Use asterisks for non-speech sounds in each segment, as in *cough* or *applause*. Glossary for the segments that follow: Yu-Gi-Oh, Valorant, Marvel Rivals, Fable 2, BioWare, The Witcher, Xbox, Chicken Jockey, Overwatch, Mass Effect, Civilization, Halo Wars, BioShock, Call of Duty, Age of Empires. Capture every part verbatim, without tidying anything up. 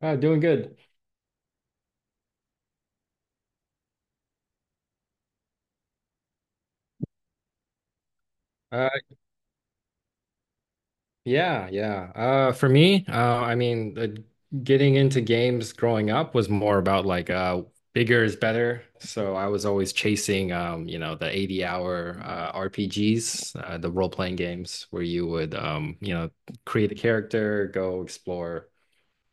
Uh, doing good. Uh, yeah, yeah. Uh, for me, uh, I mean, uh, getting into games growing up was more about like uh, bigger is better. So I was always chasing, um, you know, the eighty hour uh, R P Gs, uh, the role playing games where you would, um, you know, create a character, go explore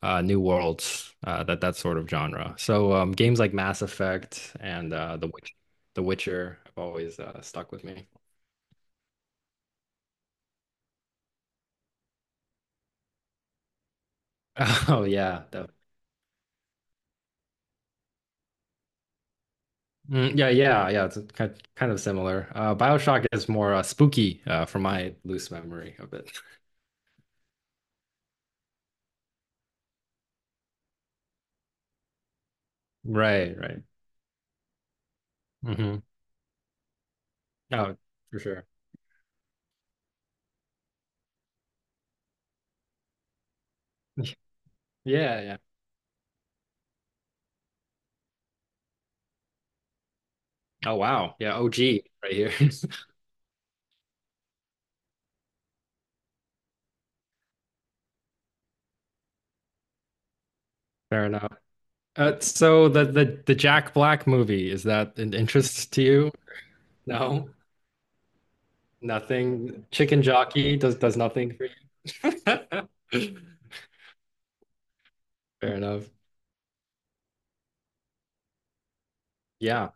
uh, new worlds, uh, that that sort of genre. So um, games like Mass Effect and uh, The Witch, The Witcher have always uh, stuck with me. *laughs* Oh yeah, definitely. Mm, yeah, yeah, yeah. It's kind of, kind of similar. Uh, BioShock is more uh, spooky uh, from my loose memory of it. *laughs* Right, right. hmm Oh, for sure. *laughs* Yeah, yeah. Oh, wow. Yeah, O G right here. *laughs* Fair enough. Uh, so the the the Jack Black movie, is that an interest to you? No, nothing. Chicken Jockey does does nothing for you. *laughs* Fair enough. Yeah.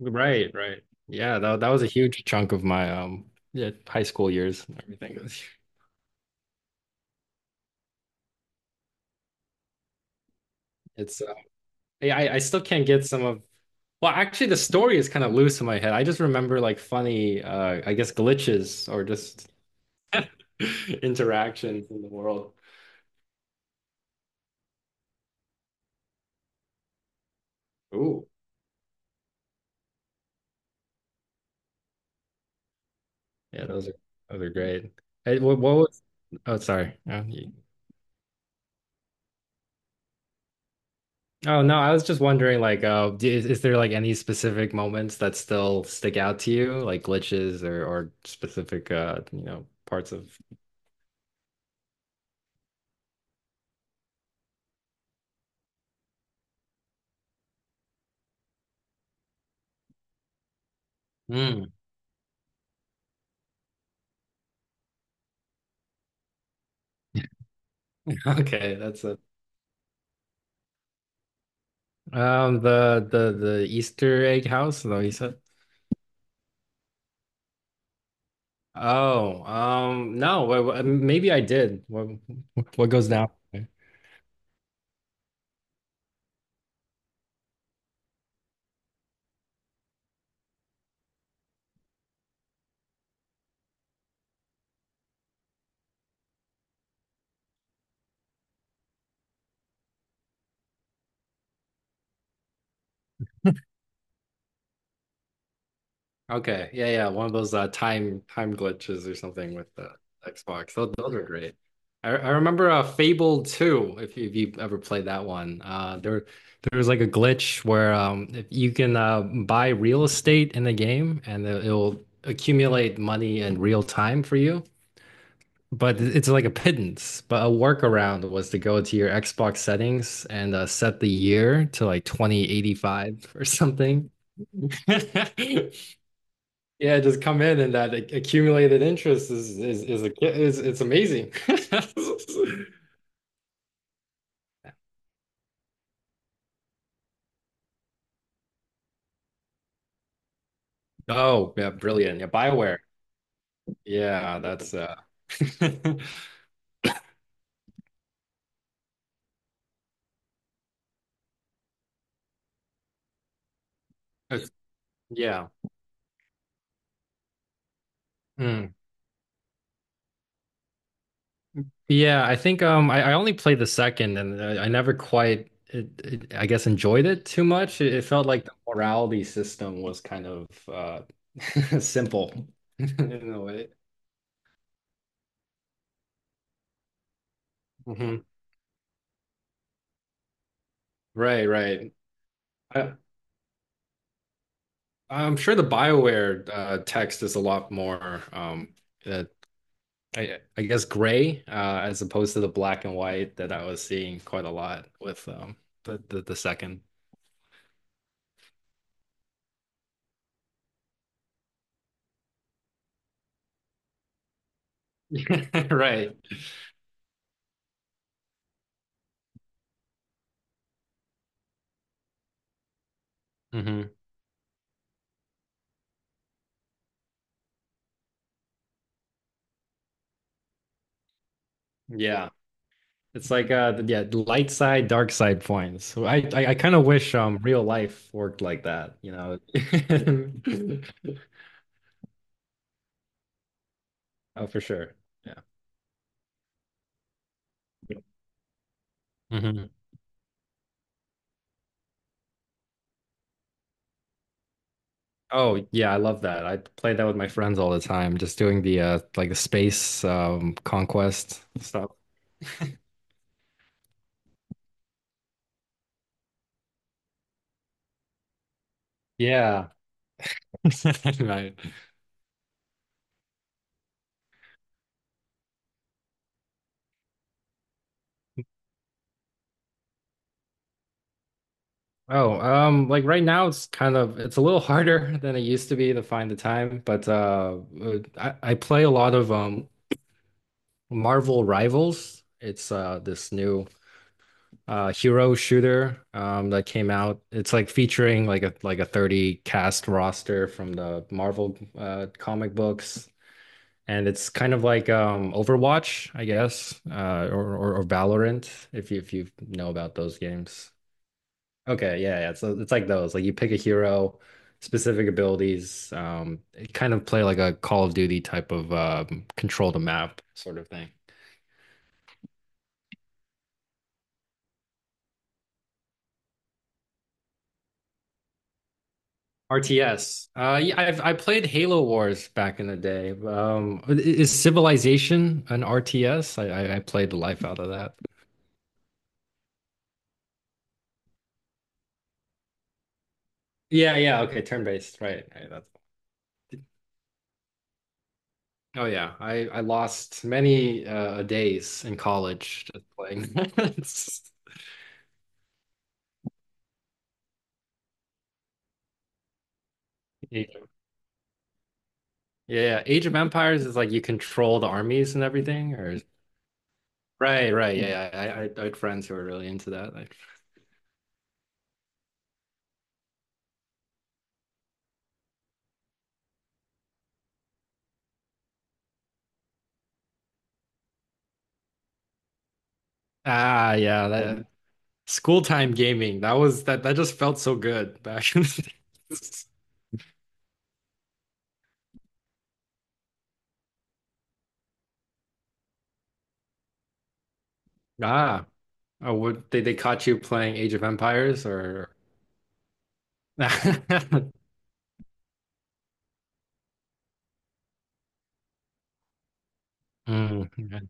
Right, right. Yeah, that that was a huge chunk of my um yeah, high school years and everything. *laughs* It's uh, yeah, I, I still can't get some of well, actually the story is kind of loose in my head. I just remember like funny uh I guess glitches or just *laughs* interactions in the world. Ooh. Yeah, those are those are great. Hey, what, what was oh sorry. Uh, Oh no, I was just wondering, like, uh, d- is, is there like any specific moments that still stick out to you, like glitches or or specific, uh, you know, parts of? Mm. *laughs* Okay, that's it. Um, the the the Easter egg house, though you said. Oh, um, no, wh- wh- maybe I did. What what goes down? Okay. Yeah, yeah. One of those uh, time time glitches or something with the Xbox. Those, those are great. I, I remember uh, Fable two, if, you- if you've ever played that one. Uh, there there was like a glitch where um, if you can uh, buy real estate in the game and it- it'll accumulate money in real time for you. But it's like a pittance. But a workaround was to go to your Xbox settings and uh, set the year to like twenty eighty-five or something. *laughs* Yeah, just come in and that ac- accumulated interest is is is a, is it's amazing. *laughs* Oh, yeah, brilliant. Yeah, BioWare. Yeah, that's uh *laughs* that's- yeah. Mm. Yeah, I think um I, I only played the second and I, I never quite it, it, I guess enjoyed it too much. It, it felt like the morality system was kind of uh *laughs* simple *laughs* in a way. Mhm. Right, right. I, I'm sure the BioWare uh, text is a lot more, um, uh, I, I guess, gray uh, as opposed to the black and white that I was seeing quite a lot with um, the, the the second. *laughs* Right. hmm Yeah. It's like uh, yeah, light side, dark side points. So I I, I kind of wish um real life worked like that, you know. *laughs* Oh, for sure. Yeah. Mhm. Oh yeah, I love that. I play that with my friends all the time, just doing the uh like the space um conquest stuff. Yeah. *laughs* Right. Oh, um like right now it's kind of it's a little harder *laughs* than it used to be to find the time, but uh uh, I, I play a lot of um Marvel Rivals. It's uh this new uh hero shooter um that came out. It's like featuring like a like a thirty cast roster from the Marvel uh comic books. And it's kind of like um, Overwatch, I guess, uh, or, or or Valorant, if you if you know about those games. Okay, yeah, yeah. So it's like those. Like you pick a hero, specific abilities. Um, it kind of play like a Call of Duty type of um, control the map sort of thing. R T S. Uh, yeah, I've I played Halo Wars back in the day. Um, i- is Civilization an R T S? I I, I played the life out of that. Yeah, yeah. Okay, turn based. Right, right. That's. Oh yeah, I I lost many uh, days in college just playing. *laughs* Yeah, yeah. Age of Empires is like you control the armies and everything, or right, right. Yeah, I I, I had friends who were really into that. Like, ah, yeah, that school time gaming. That was that that just felt so good back in the days. *laughs* Ah, oh, what they they caught you playing Age of Empires or? *laughs* Mm, yeah.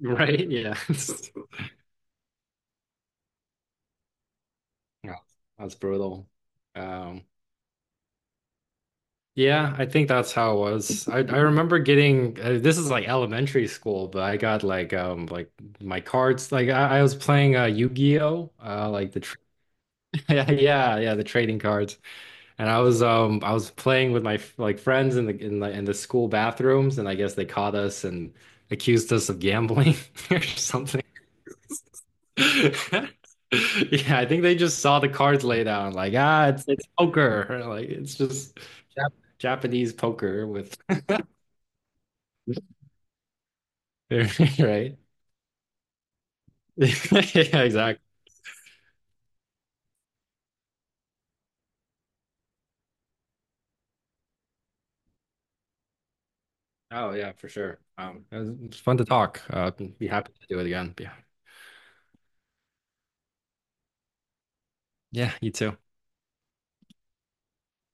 Right, yeah. *laughs* Yeah, that's brutal. Um. Yeah, I think that's how it was. I, I remember getting uh, this is like elementary school, but I got like um like my cards like I, I was playing uh Yu-Gi-Oh uh like the tr *laughs* yeah yeah yeah the trading cards and I was um I was playing with my f- like friends in the in the in the school bathrooms and I guess they caught us and accused us of gambling *laughs* or something. *laughs* Yeah, I think they just saw the cards laid out and like ah it's it's poker like it's just Jap Japanese poker with. *laughs* *laughs* Right? *laughs* Yeah, exactly. Oh yeah, for sure. Um, it was, it was fun to talk. Uh, be happy to do it again. Yeah. Yeah, you too.